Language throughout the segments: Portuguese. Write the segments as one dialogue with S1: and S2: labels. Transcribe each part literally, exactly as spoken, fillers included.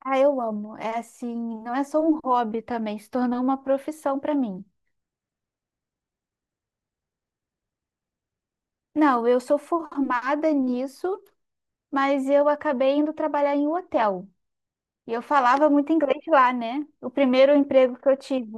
S1: Ah, eu amo. É assim, não é só um hobby também, se tornou uma profissão para mim. Não, eu sou formada nisso, mas eu acabei indo trabalhar em um hotel. E eu falava muito inglês lá, né? O primeiro emprego que eu tive.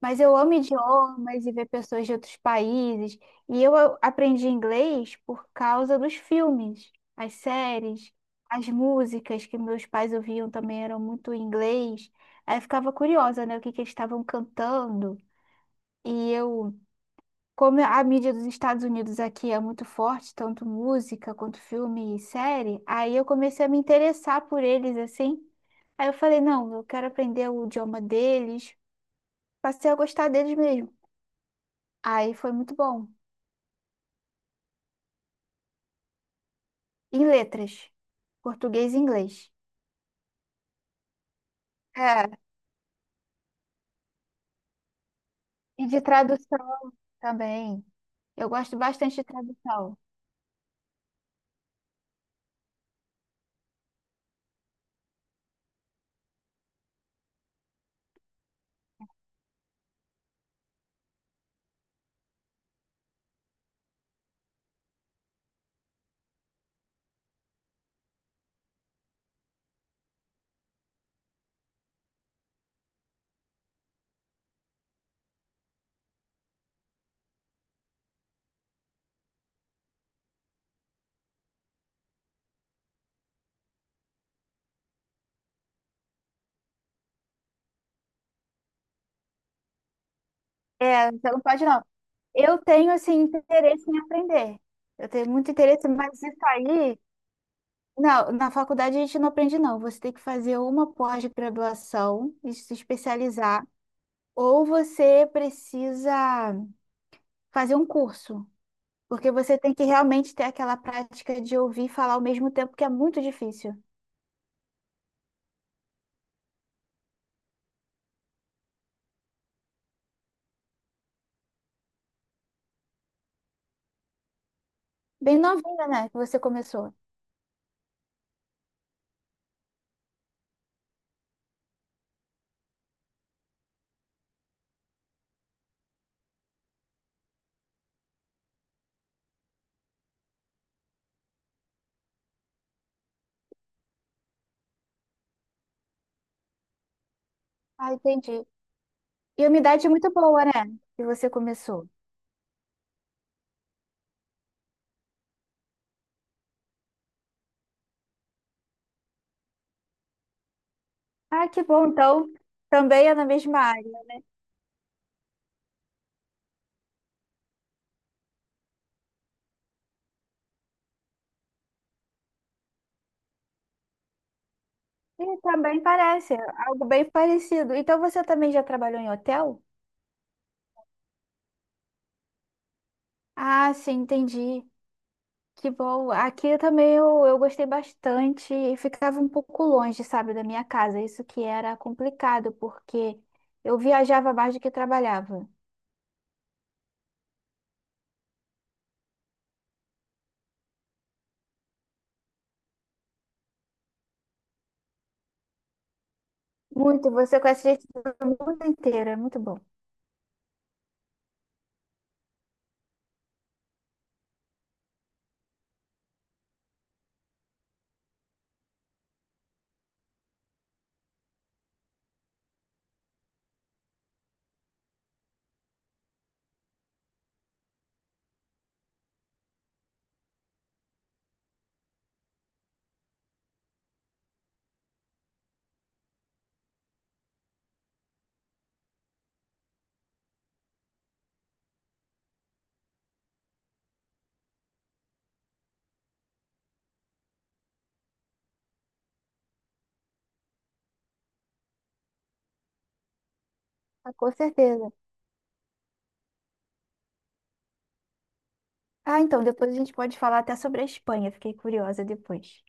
S1: Mas eu amo idiomas e ver pessoas de outros países. E eu a- aprendi inglês por causa dos filmes, as séries, as músicas que meus pais ouviam também eram muito em inglês. Aí eu ficava curiosa, né? O que que eles estavam cantando. E eu, como a mídia dos Estados Unidos aqui é muito forte, tanto música quanto filme e série, aí eu comecei a me interessar por eles assim. Aí eu falei, não, eu quero aprender o idioma deles. Passei a gostar deles mesmo. Aí foi muito bom. Em letras, português e inglês. É, e de tradução também. Eu gosto bastante de tradução. É, você não pode não. Eu tenho, assim, interesse em aprender. Eu tenho muito interesse, mas isso aí. Não, na faculdade a gente não aprende, não. Você tem que fazer uma pós-graduação e se especializar, ou você precisa fazer um curso, porque você tem que realmente ter aquela prática de ouvir e falar ao mesmo tempo, que é muito difícil. Bem novinha, né, que você começou. Ah, entendi. E uma idade muito boa, né, que você começou. Ah, que bom, então também é na mesma área. E também parece, algo bem parecido. Então você também já trabalhou em hotel? Ah, sim, entendi. Que bom. Aqui também eu, eu gostei bastante e ficava um pouco longe, sabe, da minha casa. Isso que era complicado, porque eu viajava mais do que trabalhava. Muito, você conhece gente do mundo inteiro, é muito bom. Ah, com certeza. Ah, então, depois a gente pode falar até sobre a Espanha, fiquei curiosa depois.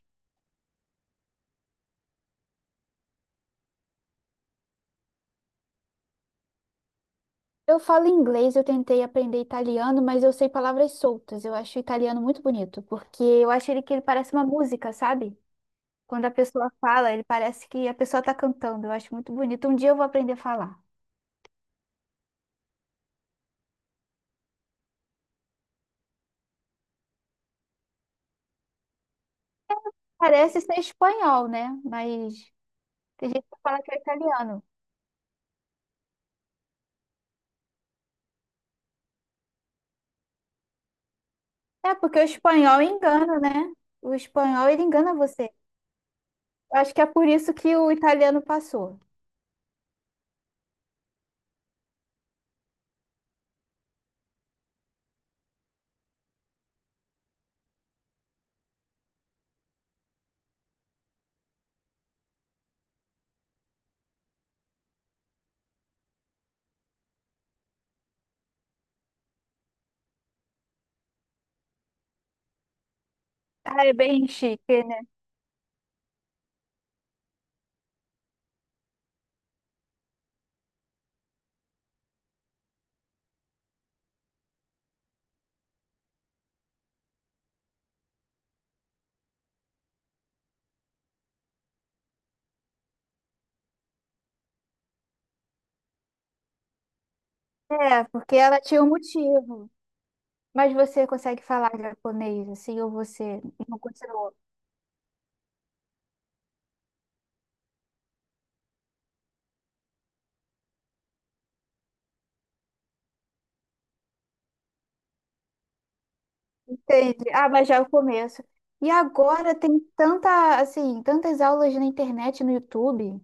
S1: Eu falo inglês, eu tentei aprender italiano, mas eu sei palavras soltas. Eu acho o italiano muito bonito, porque eu acho ele que ele parece uma música, sabe? Quando a pessoa fala, ele parece que a pessoa está cantando. Eu acho muito bonito. Um dia eu vou aprender a falar. Parece ser espanhol, né? Mas tem gente que fala que é italiano. É porque o espanhol engana, né? O espanhol, ele engana você. Eu acho que é por isso que o italiano passou. Ah, é bem chique, né? É, porque ela tinha um motivo. Mas você consegue falar japonês, assim, ou você não continuou? Entende? Ah, mas já é o começo. E agora tem tanta, assim, tantas aulas na internet, no YouTube.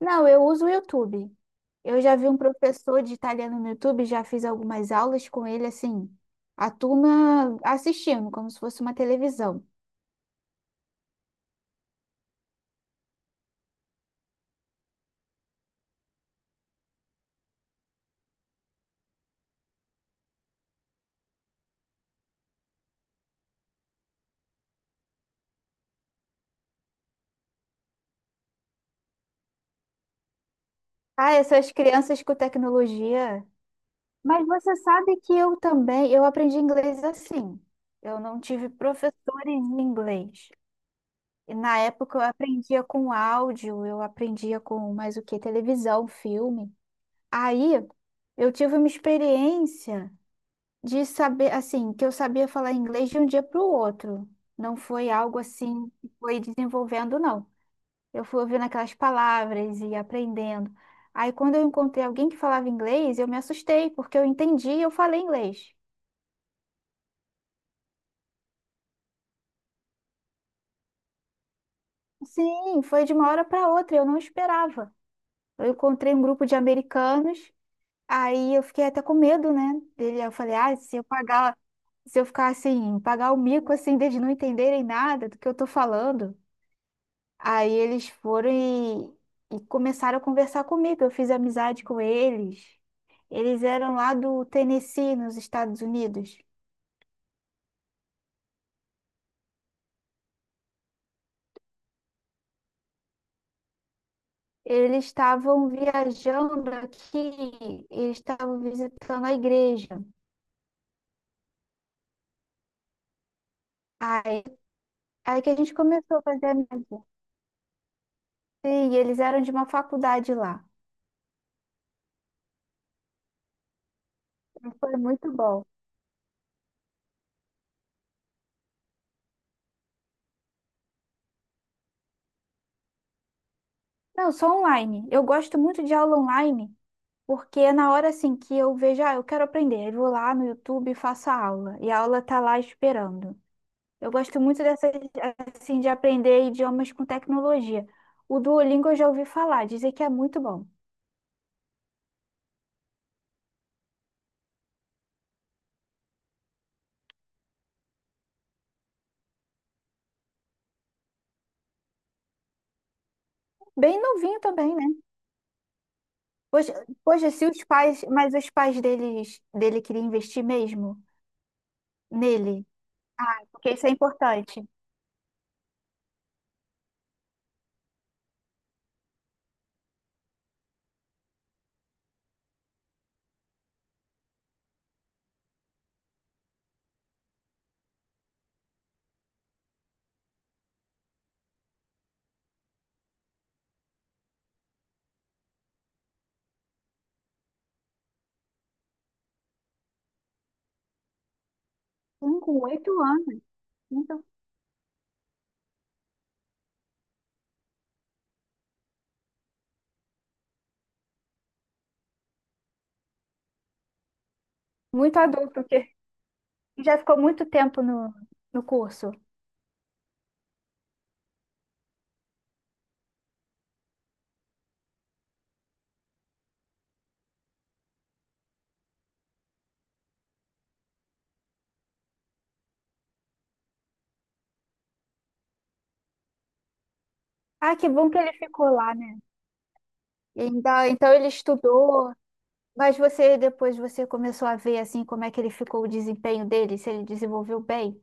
S1: Não, eu uso o YouTube. Eu já vi um professor de italiano no YouTube, já fiz algumas aulas com ele, assim, a turma assistindo, como se fosse uma televisão. Ah, essas crianças com tecnologia. Mas você sabe que eu também, eu aprendi inglês assim. Eu não tive professores em inglês. E na época eu aprendia com áudio, eu aprendia com mais o que? Televisão, filme. Aí eu tive uma experiência de saber, assim, que eu sabia falar inglês de um dia para o outro. Não foi algo assim que foi desenvolvendo, não. Eu fui ouvindo aquelas palavras e aprendendo. Aí, quando eu encontrei alguém que falava inglês, eu me assustei, porque eu entendi e eu falei inglês. Sim, foi de uma hora para outra, eu não esperava. Eu encontrei um grupo de americanos, aí eu fiquei até com medo, né? Dele, eu falei, ah, se eu pagar, se eu ficar assim, pagar o mico assim, deles não entenderem nada do que eu tô falando. Aí eles foram e, e começaram a conversar comigo. Eu fiz amizade com eles. Eles eram lá do Tennessee, nos Estados Unidos. Eles estavam viajando aqui, eles estavam visitando a igreja. Aí, aí que a gente começou a fazer amizade. Sim, eles eram de uma faculdade lá. Então, foi muito bom. Não, só online. Eu gosto muito de aula online, porque é na hora assim que eu vejo, ah, eu quero aprender, eu vou lá no YouTube e faço a aula. E a aula tá lá esperando. Eu gosto muito dessa, assim, de aprender idiomas com tecnologia. O Duolingo eu já ouvi falar, dizem que é muito bom. Bem novinho também, né? Poxa, poxa, se os pais, mas os pais deles, dele queriam investir mesmo nele, porque isso é importante. Um com oito anos, muito, muito adulto, porque já ficou muito tempo no, no curso. Ah, que bom que ele ficou lá, né? Então, então ele estudou. Mas você depois você começou a ver assim como é que ele ficou o desempenho dele, se ele desenvolveu bem.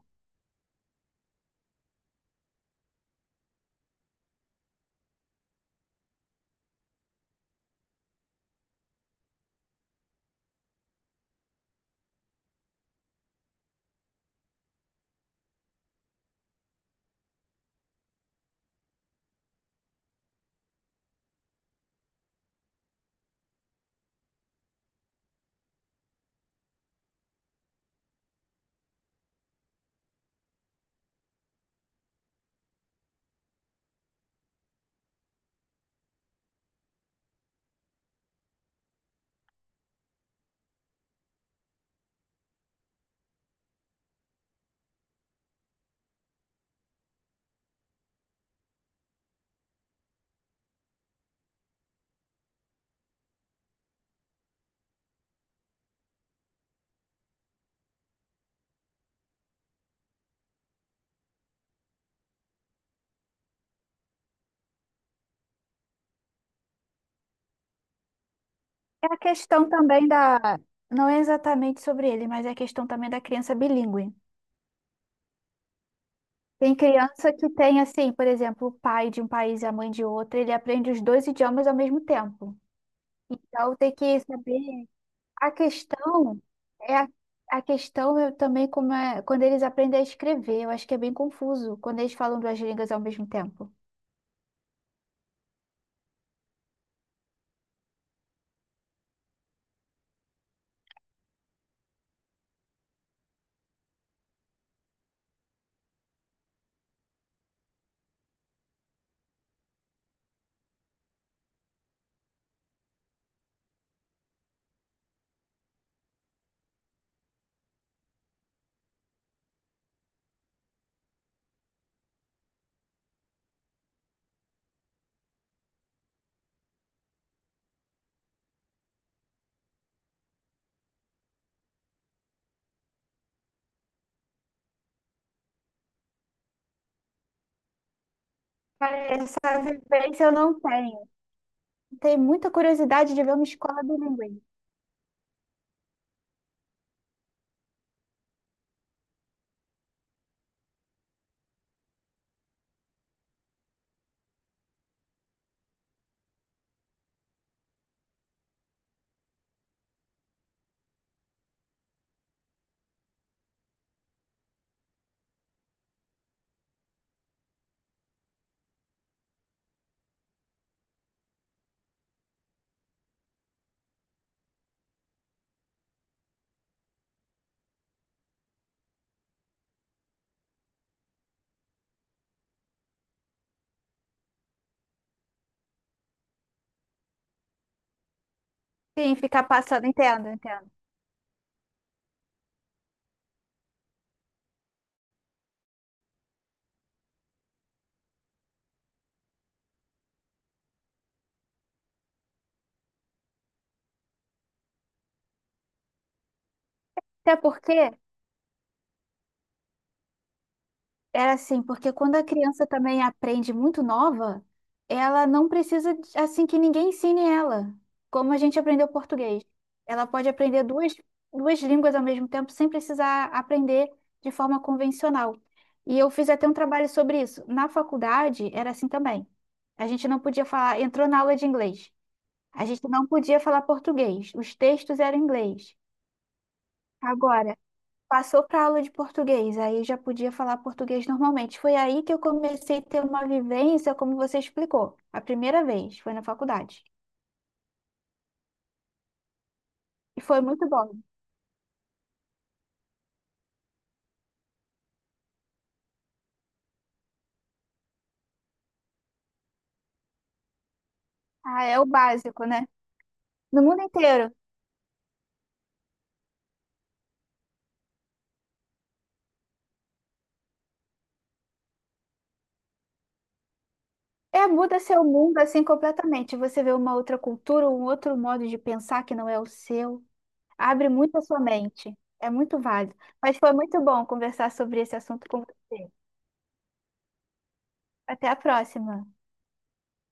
S1: É a questão também da, não é exatamente sobre ele, mas é a questão também da criança bilíngue. Tem criança que tem assim, por exemplo, o pai de um país e a mãe de outro, ele aprende os dois idiomas ao mesmo tempo. Então tem que saber a questão é a, a questão é também como é quando eles aprendem a escrever, eu acho que é bem confuso quando eles falam duas línguas ao mesmo tempo. Cara, essa vivência eu não tenho. Tenho muita curiosidade de ver uma escola bilíngue. Sim, ficar passando, entendo, entendo. Até porque era assim, porque quando a criança também aprende muito nova, ela não precisa de- assim que ninguém ensine ela, como a gente aprendeu português. Ela pode aprender duas, duas línguas ao mesmo tempo sem precisar aprender de forma convencional. E eu fiz até um trabalho sobre isso. Na faculdade era assim também. A gente não podia falar, entrou na aula de inglês. A gente não podia falar português. Os textos eram em inglês. Agora, passou para aula de português, aí já podia falar português normalmente. Foi aí que eu comecei a ter uma vivência, como você explicou, a primeira vez, foi na faculdade. E foi muito bom. Ah, é o básico, né? No mundo inteiro. É, muda seu mundo assim completamente. Você vê uma outra cultura, um outro modo de pensar que não é o seu. Abre muito a sua mente. É muito válido. Mas foi muito bom conversar sobre esse assunto com você. Até a próxima.